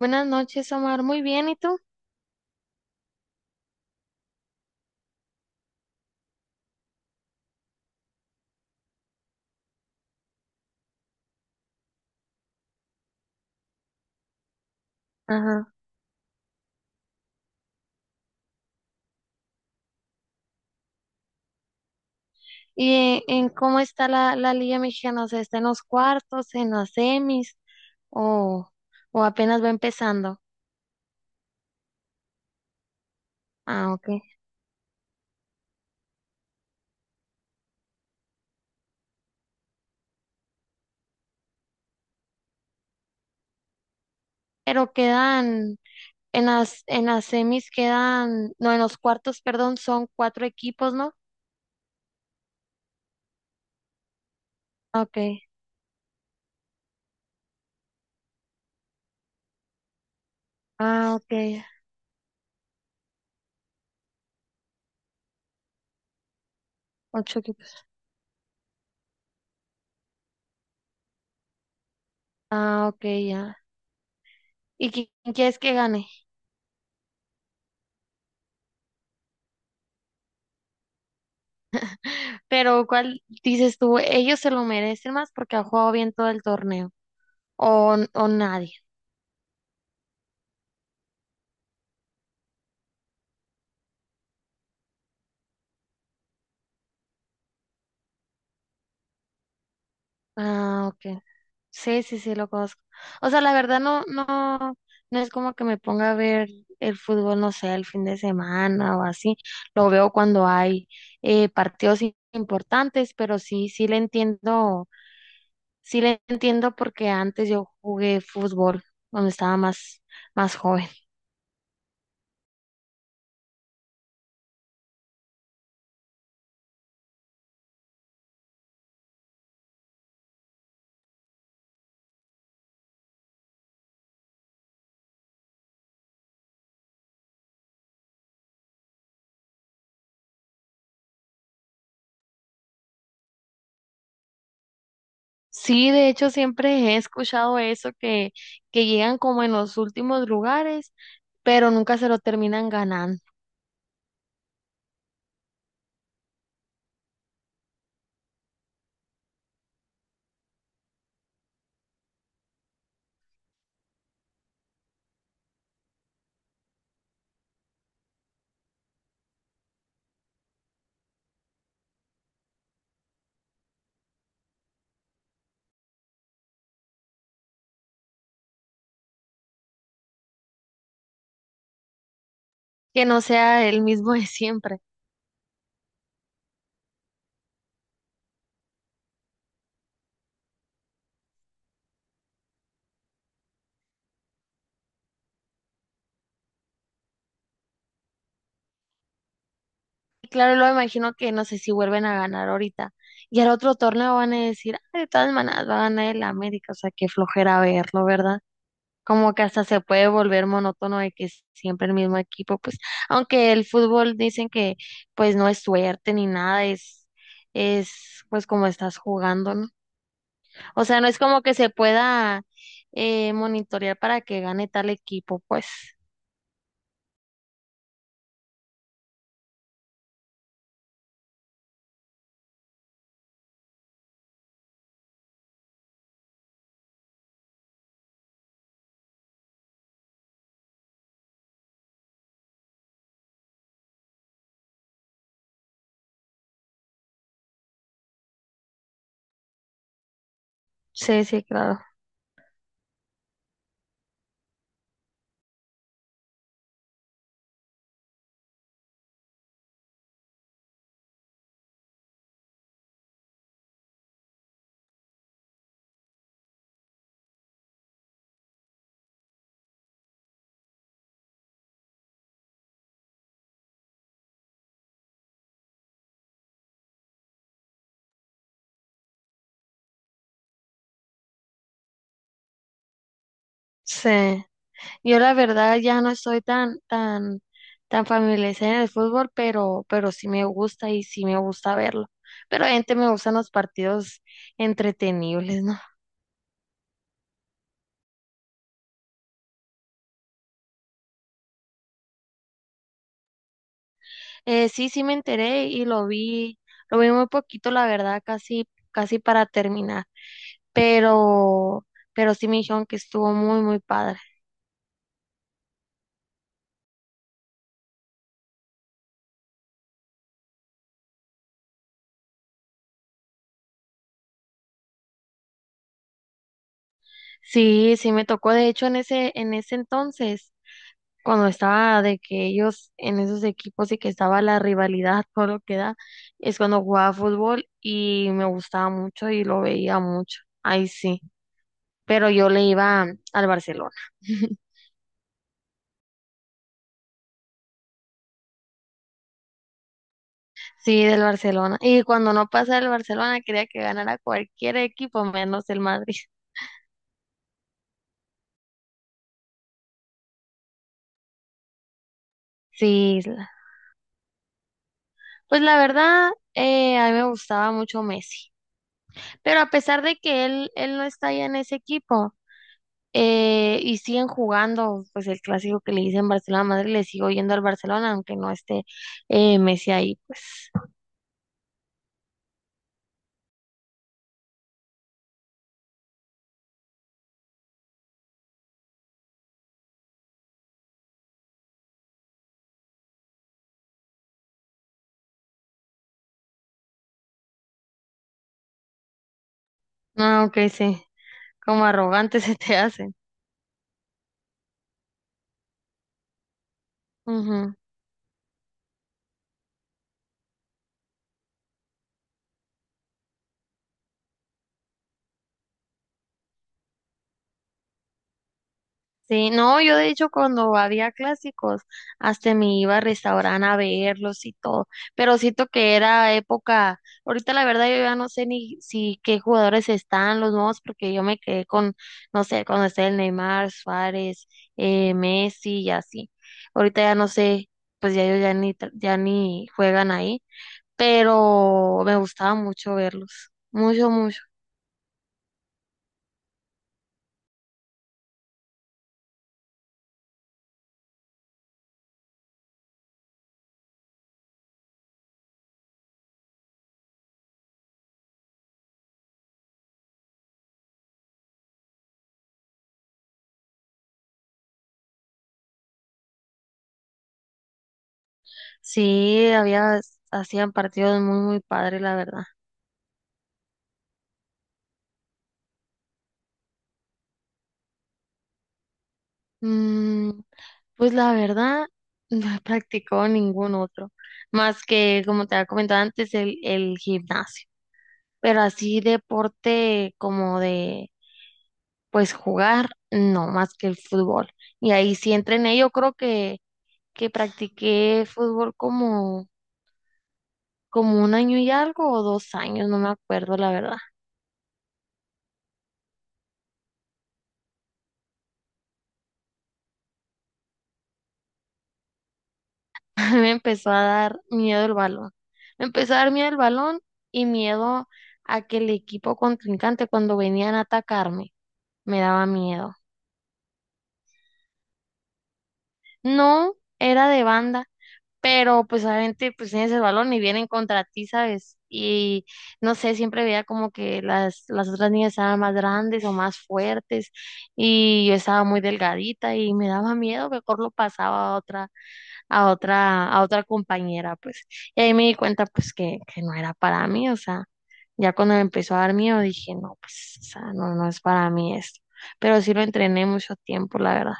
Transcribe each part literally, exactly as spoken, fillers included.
Buenas noches, Omar. Muy bien, ¿y tú? Ajá. ¿Y en cómo está la, la Liga Mexicana? O sea, ¿está en los cuartos, en las semis o, o apenas va empezando? Ah, ok. Pero quedan, en las, en las semis quedan, no, en los cuartos, perdón, son cuatro equipos, ¿no? Ah, ok. Ah, ok. Ocho equipos. Ah, ok, ya. ¿Y qui- quién quieres que gane? Pero ¿cuál dices tú? ¿Ellos se lo merecen más porque ha jugado bien todo el torneo? ¿O, o nadie? Ah, ok. Sí, sí, sí, lo conozco. O sea, la verdad no, no, no es como que me ponga a ver el fútbol, no sé, el fin de semana o así. Lo veo cuando hay eh, partidos i- importantes, pero sí, sí le entiendo, sí le entiendo porque antes yo jugué fútbol cuando estaba más, más joven. Sí, de hecho siempre he escuchado eso que, que llegan como en los últimos lugares, pero nunca se lo terminan ganando. Que no sea el mismo de siempre. Claro, lo imagino que no sé si vuelven a ganar ahorita. Y al otro torneo van a decir, ah, de todas maneras va a ganar el América, o sea, qué flojera verlo, ¿verdad? Como que hasta se puede volver monótono de que es siempre el mismo equipo, pues, aunque el fútbol dicen que pues no es suerte ni nada, es, es pues como estás jugando, ¿no? O sea, no es como que se pueda eh, monitorear para que gane tal equipo, pues. Sí, sí, claro. Sí. Yo la verdad ya no estoy tan, tan, tan familiarizada en el fútbol, pero, pero sí me gusta y sí me gusta verlo. Pero gente me gustan los partidos entretenibles, ¿no? Eh, sí, sí me enteré y lo vi, lo vi muy poquito, la verdad, casi, casi para terminar. Pero, pero sí me dijeron que estuvo muy, muy padre. Sí, sí me tocó. De hecho, en ese, en ese entonces, cuando estaba de que ellos en esos equipos y que estaba la rivalidad, todo lo que da, es cuando jugaba fútbol y me gustaba mucho y lo veía mucho. Ahí sí. Pero yo le iba al Barcelona. Sí, del Barcelona. Y cuando no pasaba el Barcelona, quería que ganara cualquier equipo menos el Madrid. Sí, la- pues la verdad, eh, a mí me gustaba mucho Messi. Pero a pesar de que él, él no está ya en ese equipo. Eh, y siguen jugando, pues el clásico que le dicen Barcelona-Madrid, le sigo yendo al Barcelona, aunque no esté eh, Messi ahí, pues. No, que sí, como arrogante se te hacen. Ujú. Sí, no, yo de hecho cuando había clásicos hasta me iba a restaurante a verlos y todo, pero siento que era época, ahorita la verdad yo ya no sé ni si qué jugadores están los nuevos porque yo me quedé con, no sé, cuando está el Neymar, Suárez, eh, Messi y así, ahorita ya no sé, pues ya ellos ya ni, tra- ya ni juegan ahí, pero me gustaba mucho verlos, mucho, mucho, sí, había, hacían partidos muy, muy padres la verdad. Mm, Pues la verdad, no he practicado ningún otro, más que, como te había comentado antes, el, el gimnasio. Pero así deporte como de, pues jugar, no, más que el fútbol. Y ahí sí entrené, yo creo que, que practiqué fútbol como, como un año y algo o dos años, no me acuerdo la verdad. A mí me empezó a dar miedo el balón. Me empezó a dar miedo el balón y miedo a que el equipo contrincante cuando venían a atacarme, me daba miedo. No, era de banda, pero pues obviamente pues tienes el balón y vienen contra ti, ¿sabes? Y no sé, siempre veía como que las, las otras niñas estaban más grandes o más fuertes y yo estaba muy delgadita y me daba miedo, mejor lo pasaba a otra, a otra, a otra compañera, pues. Y ahí me di cuenta pues que, que no era para mí, o sea, ya cuando me empezó a dar miedo dije, no, pues, o sea, no, no es para mí esto. Pero sí lo entrené mucho tiempo, la verdad.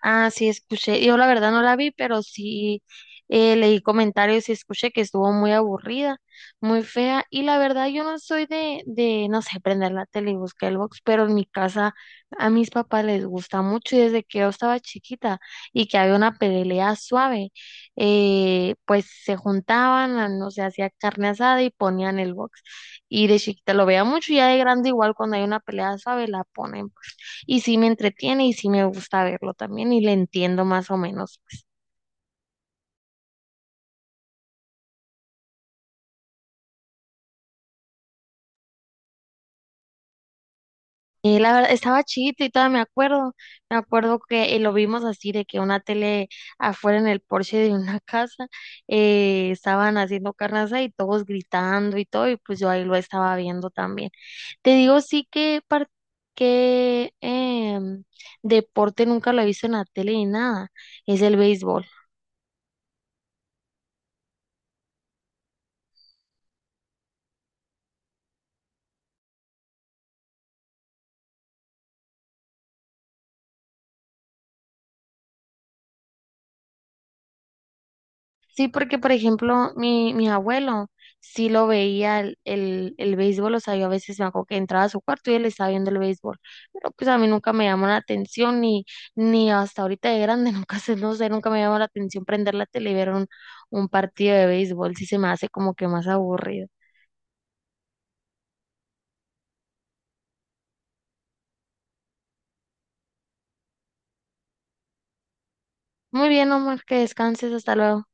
Ah, sí, escuché. Yo la verdad no la vi, pero sí eh, leí comentarios y escuché que estuvo muy aburrida, muy fea. Y la verdad yo no soy de, de, no sé, prender la tele y buscar el box, pero en mi casa a mis papás les gusta mucho y desde que yo estaba chiquita y que había una pelea suave, eh, pues se juntaban, a- no sé, hacía carne asada y ponían el box. Y de chiquita lo veía mucho y ya de grande igual cuando hay una pelea suave la ponen y sí me entretiene y sí me gusta verlo también y le entiendo más o menos, pues. Eh, la verdad, estaba chiquita y todavía me acuerdo, me acuerdo que eh, lo vimos así de que una tele afuera en el porche de una casa eh, estaban haciendo carnaza y todos gritando y todo y pues yo ahí lo estaba viendo también. Te digo sí que par- que em, deporte nunca lo he visto en la tele ni nada, es el béisbol. Sí, porque por ejemplo, mi, mi abuelo sí lo veía el, el, el béisbol, o sea, yo a veces me acuerdo que entraba a su cuarto y él estaba viendo el béisbol, pero pues a mí nunca me llamó la atención, ni, ni hasta ahorita de grande, nunca sé, no sé, nunca me llamó la atención prender la tele y ver un, un partido de béisbol, sí se me hace como que más aburrido. Muy bien, Omar, que descanses, hasta luego.